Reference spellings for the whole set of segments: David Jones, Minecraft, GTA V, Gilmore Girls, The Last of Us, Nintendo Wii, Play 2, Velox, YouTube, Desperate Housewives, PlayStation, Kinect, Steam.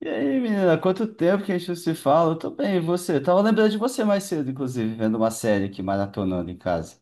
E aí, menina, quanto tempo que a gente não se fala? Eu tô bem, e você? Tava lembrando de você mais cedo, inclusive, vendo uma série aqui, maratonando em casa.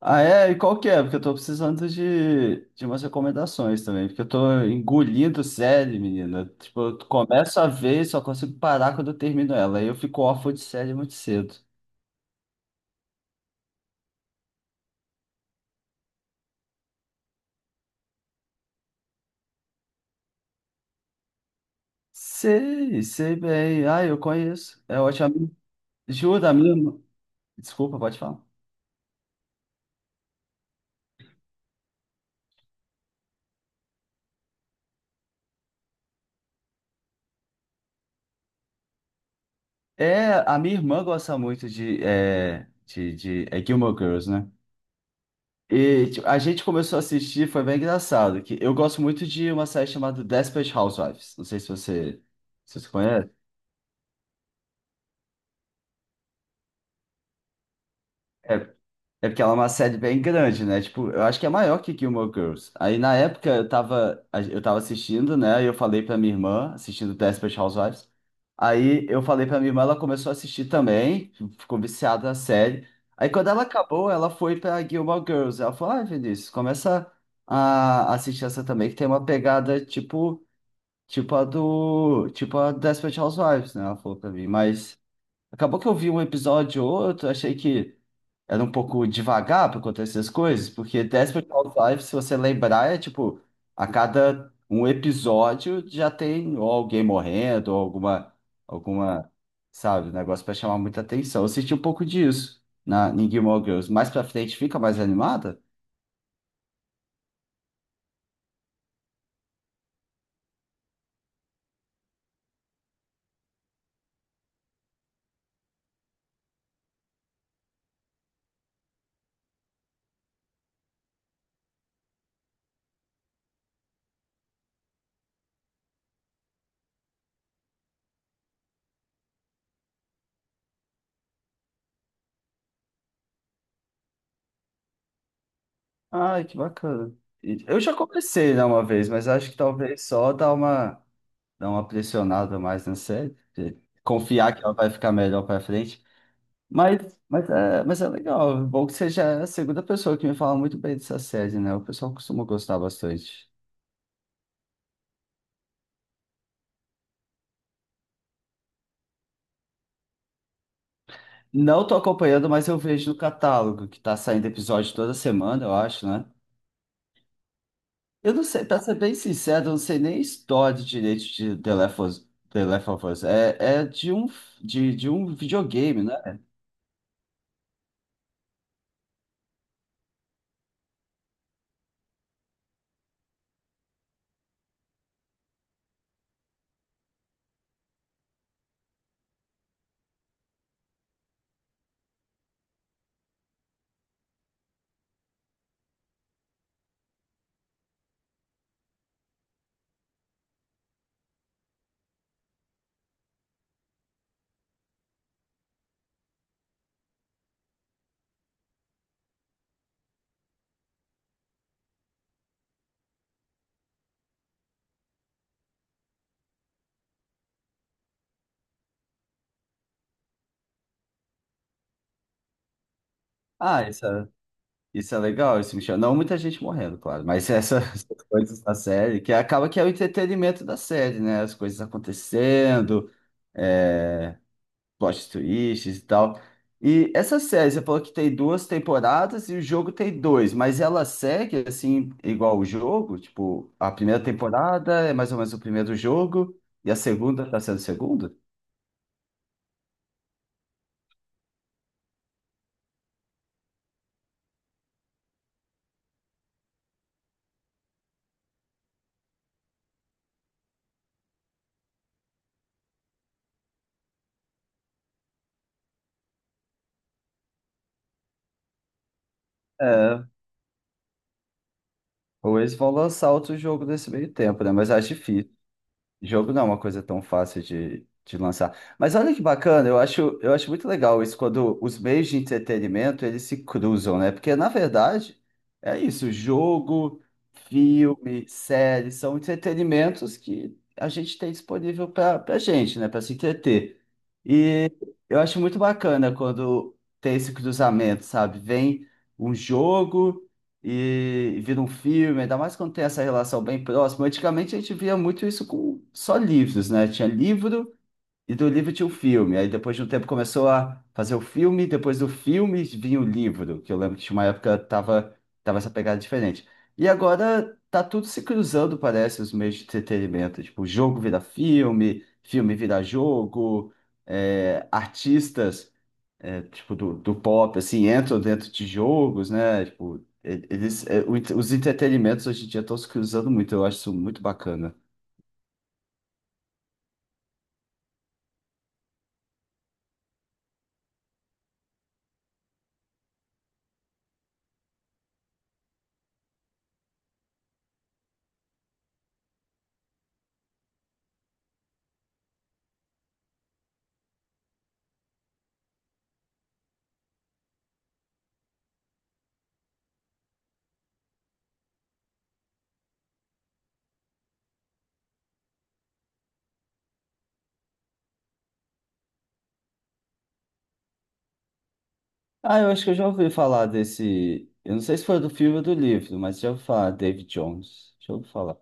Ah, é? E qual que é? Porque eu tô precisando de umas recomendações também, porque eu tô engolindo série, menina. Tipo, eu começo a ver e só consigo parar quando eu termino ela. Aí eu fico órfão de série muito cedo. Sei, sei bem. Ah, eu conheço. É ótimo. A minha- juro, a minha irmã- desculpa, pode falar. É, a minha irmã gosta muito de Gilmore Girls, né? E tipo, a gente começou a assistir, foi bem engraçado, que eu gosto muito de uma série chamada Desperate Housewives. Não sei se você conhece. É, é porque ela é uma série bem grande, né? Tipo, eu acho que é maior que Gilmore Girls. Aí na época eu tava assistindo, né? E eu falei pra minha irmã, assistindo Desperate Housewives. Aí eu falei pra minha irmã, ela começou a assistir também, ficou viciada na série. Aí quando ela acabou, ela foi pra Gilmore Girls. Ela falou, ai, Vinícius, começa a assistir essa também, que tem uma pegada, tipo Tipo a do. Tipo a Desperate Housewives, né? Ela falou pra mim. Mas acabou que eu vi um episódio ou outro, achei que era um pouco devagar pra acontecer as coisas, porque Desperate Housewives, se você lembrar, é tipo, a cada um episódio já tem ou alguém morrendo, ou alguma, sabe, um negócio pra chamar muita atenção. Eu senti um pouco disso em Gilmore Girls. Mais pra frente fica mais animada? Ai, que bacana. E eu já comecei, né, uma vez, mas acho que talvez só dar uma pressionada mais na série, porque confiar que ela vai ficar melhor pra frente. Mas, mas é legal. É bom que seja a segunda pessoa que me fala muito bem dessa série, né? O pessoal costuma gostar bastante. Não tô acompanhando, mas eu vejo no catálogo, que tá saindo episódio toda semana, eu acho, né? Eu não sei, pra ser bem sincero, eu não sei nem a história direito de The Last of Us. The Last of Us. É, é de um videogame, né? Ah, essa. Isso é legal, isso me chama. Não muita gente morrendo, claro, mas essa- essas coisas da série, que acaba que é o entretenimento da série, né? As coisas acontecendo, é, plot twists e tal. E essa série, você falou que tem duas temporadas e o jogo tem dois, mas ela segue assim, igual o jogo? Tipo, a primeira temporada é mais ou menos o primeiro jogo, e a segunda tá sendo o segundo? É, ou eles vão lançar outro jogo nesse meio tempo, né? Mas acho difícil. Jogo não é uma coisa tão fácil de lançar. Mas olha que bacana, eu acho muito legal isso quando os meios de entretenimento eles se cruzam, né? Porque na verdade é isso, jogo, filme, série são entretenimentos que a gente tem disponível para a gente, né? Para se entreter. E eu acho muito bacana quando tem esse cruzamento, sabe? Vem um jogo e vira um filme, ainda mais quando tem essa relação bem próxima. Antigamente a gente via muito isso com só livros, né? Tinha livro e do livro tinha o filme. Aí depois de um tempo começou a fazer o filme, depois do filme vinha o livro, que eu lembro que tinha uma época tava essa pegada diferente. E agora tá tudo se cruzando, parece, os meios de entretenimento. Tipo, jogo vira filme, filme vira jogo, é, artistas é, tipo, do pop, assim, entram dentro de jogos, né? Tipo, e- eles, é, o ent- os entretenimentos hoje em dia estão se cruzando muito, eu acho isso muito bacana. Ah, eu acho que eu já ouvi falar desse. Eu não sei se foi do filme ou do livro, mas já ouvi falar, David Jones. Já ouvi falar.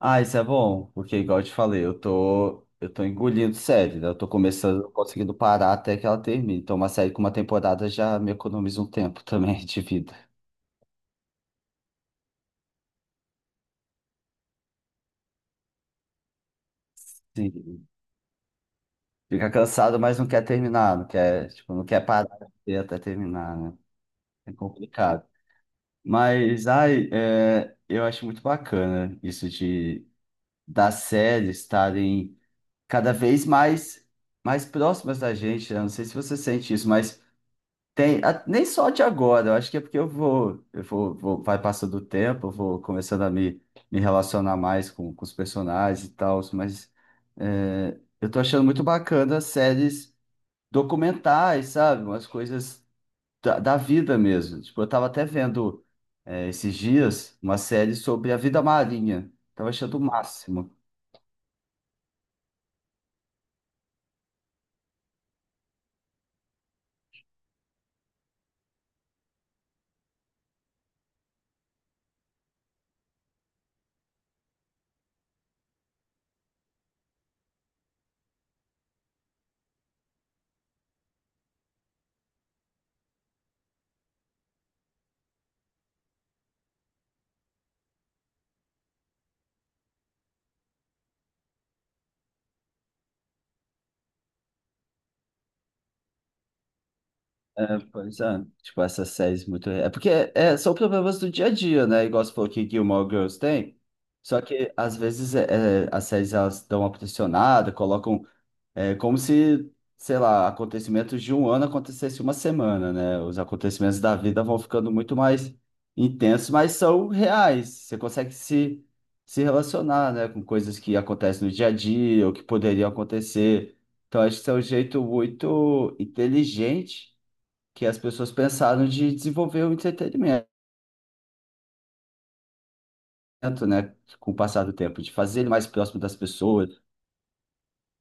Ah, isso é bom, porque igual eu te falei, eu tô engolindo série, né? Eu tô começando, não conseguindo parar até que ela termine. Então, uma série com uma temporada já me economiza um tempo também de vida. Sim. Fica cansado, mas não quer terminar, não quer, tipo, não quer parar de ver até terminar, né? É complicado. Mas, ai, é, eu acho muito bacana isso de das séries estarem cada vez mais próximas da gente, né? Não sei se você sente isso, mas tem a- nem só de agora. Eu acho que é porque vai passando o tempo, eu vou começando a me, me relacionar mais com os personagens e tal, mas é, eu tô achando muito bacana as séries documentais, sabe? Umas coisas da vida mesmo. Tipo, eu tava até vendo é, esses dias uma série sobre a vida marinha. Tava achando o máximo. É, pois é, tipo, essas séries muito. É porque é, são problemas do dia a dia, né? Igual você falou que Gilmore Girls tem. Só que às vezes as séries elas dão uma pressionada, colocam é como se, sei lá, acontecimentos de um ano acontecesse uma semana, né? Os acontecimentos da vida vão ficando muito mais intensos, mas são reais. Você consegue se, se relacionar, né, com coisas que acontecem no dia a dia ou que poderiam acontecer. Então, acho que isso é um jeito muito inteligente que as pessoas pensaram de desenvolver o entretenimento, né? Com o passar do tempo, de fazer ele mais próximo das pessoas.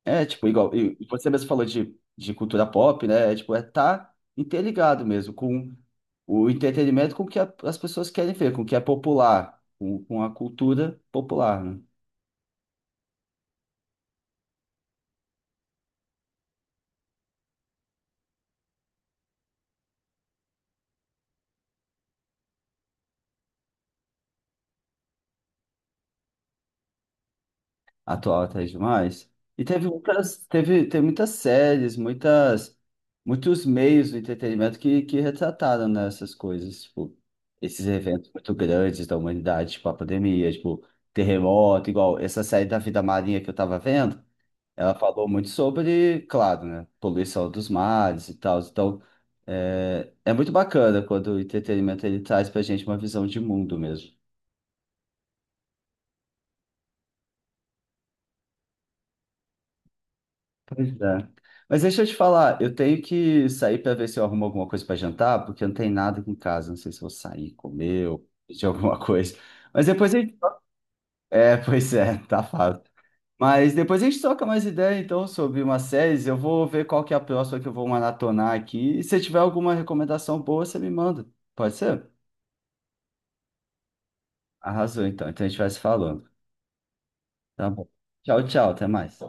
É, tipo, igual, e você mesmo falou de cultura pop, né? É, tipo, é tá interligado mesmo com o entretenimento, com o que a- as pessoas querem ver, com o que é popular, com a cultura popular, né? Atual até demais. E teve muitas, teve, tem muitas séries, muitas, muitos meios do entretenimento que retrataram, né, essas coisas, tipo, esses eventos muito grandes da humanidade, tipo a pandemia, tipo, terremoto, igual essa série da Vida Marinha que eu tava vendo. Ela falou muito sobre, claro, né, poluição dos mares e tal. Então, é, é muito bacana quando o entretenimento ele traz pra gente uma visão de mundo mesmo. Pois é. Mas deixa eu te falar, eu tenho que sair para ver se eu arrumo alguma coisa para jantar, porque não tem nada aqui em casa. Não sei se eu vou sair, comer ou pedir alguma coisa. Mas depois a gente é, pois é, tá fácil. Mas depois a gente troca mais ideia, então, sobre uma série. Eu vou ver qual que é a próxima que eu vou maratonar aqui. E se tiver alguma recomendação boa, você me manda. Pode ser? Arrasou, então. Então a gente vai se falando. Tá bom. Tchau, tchau. Até mais.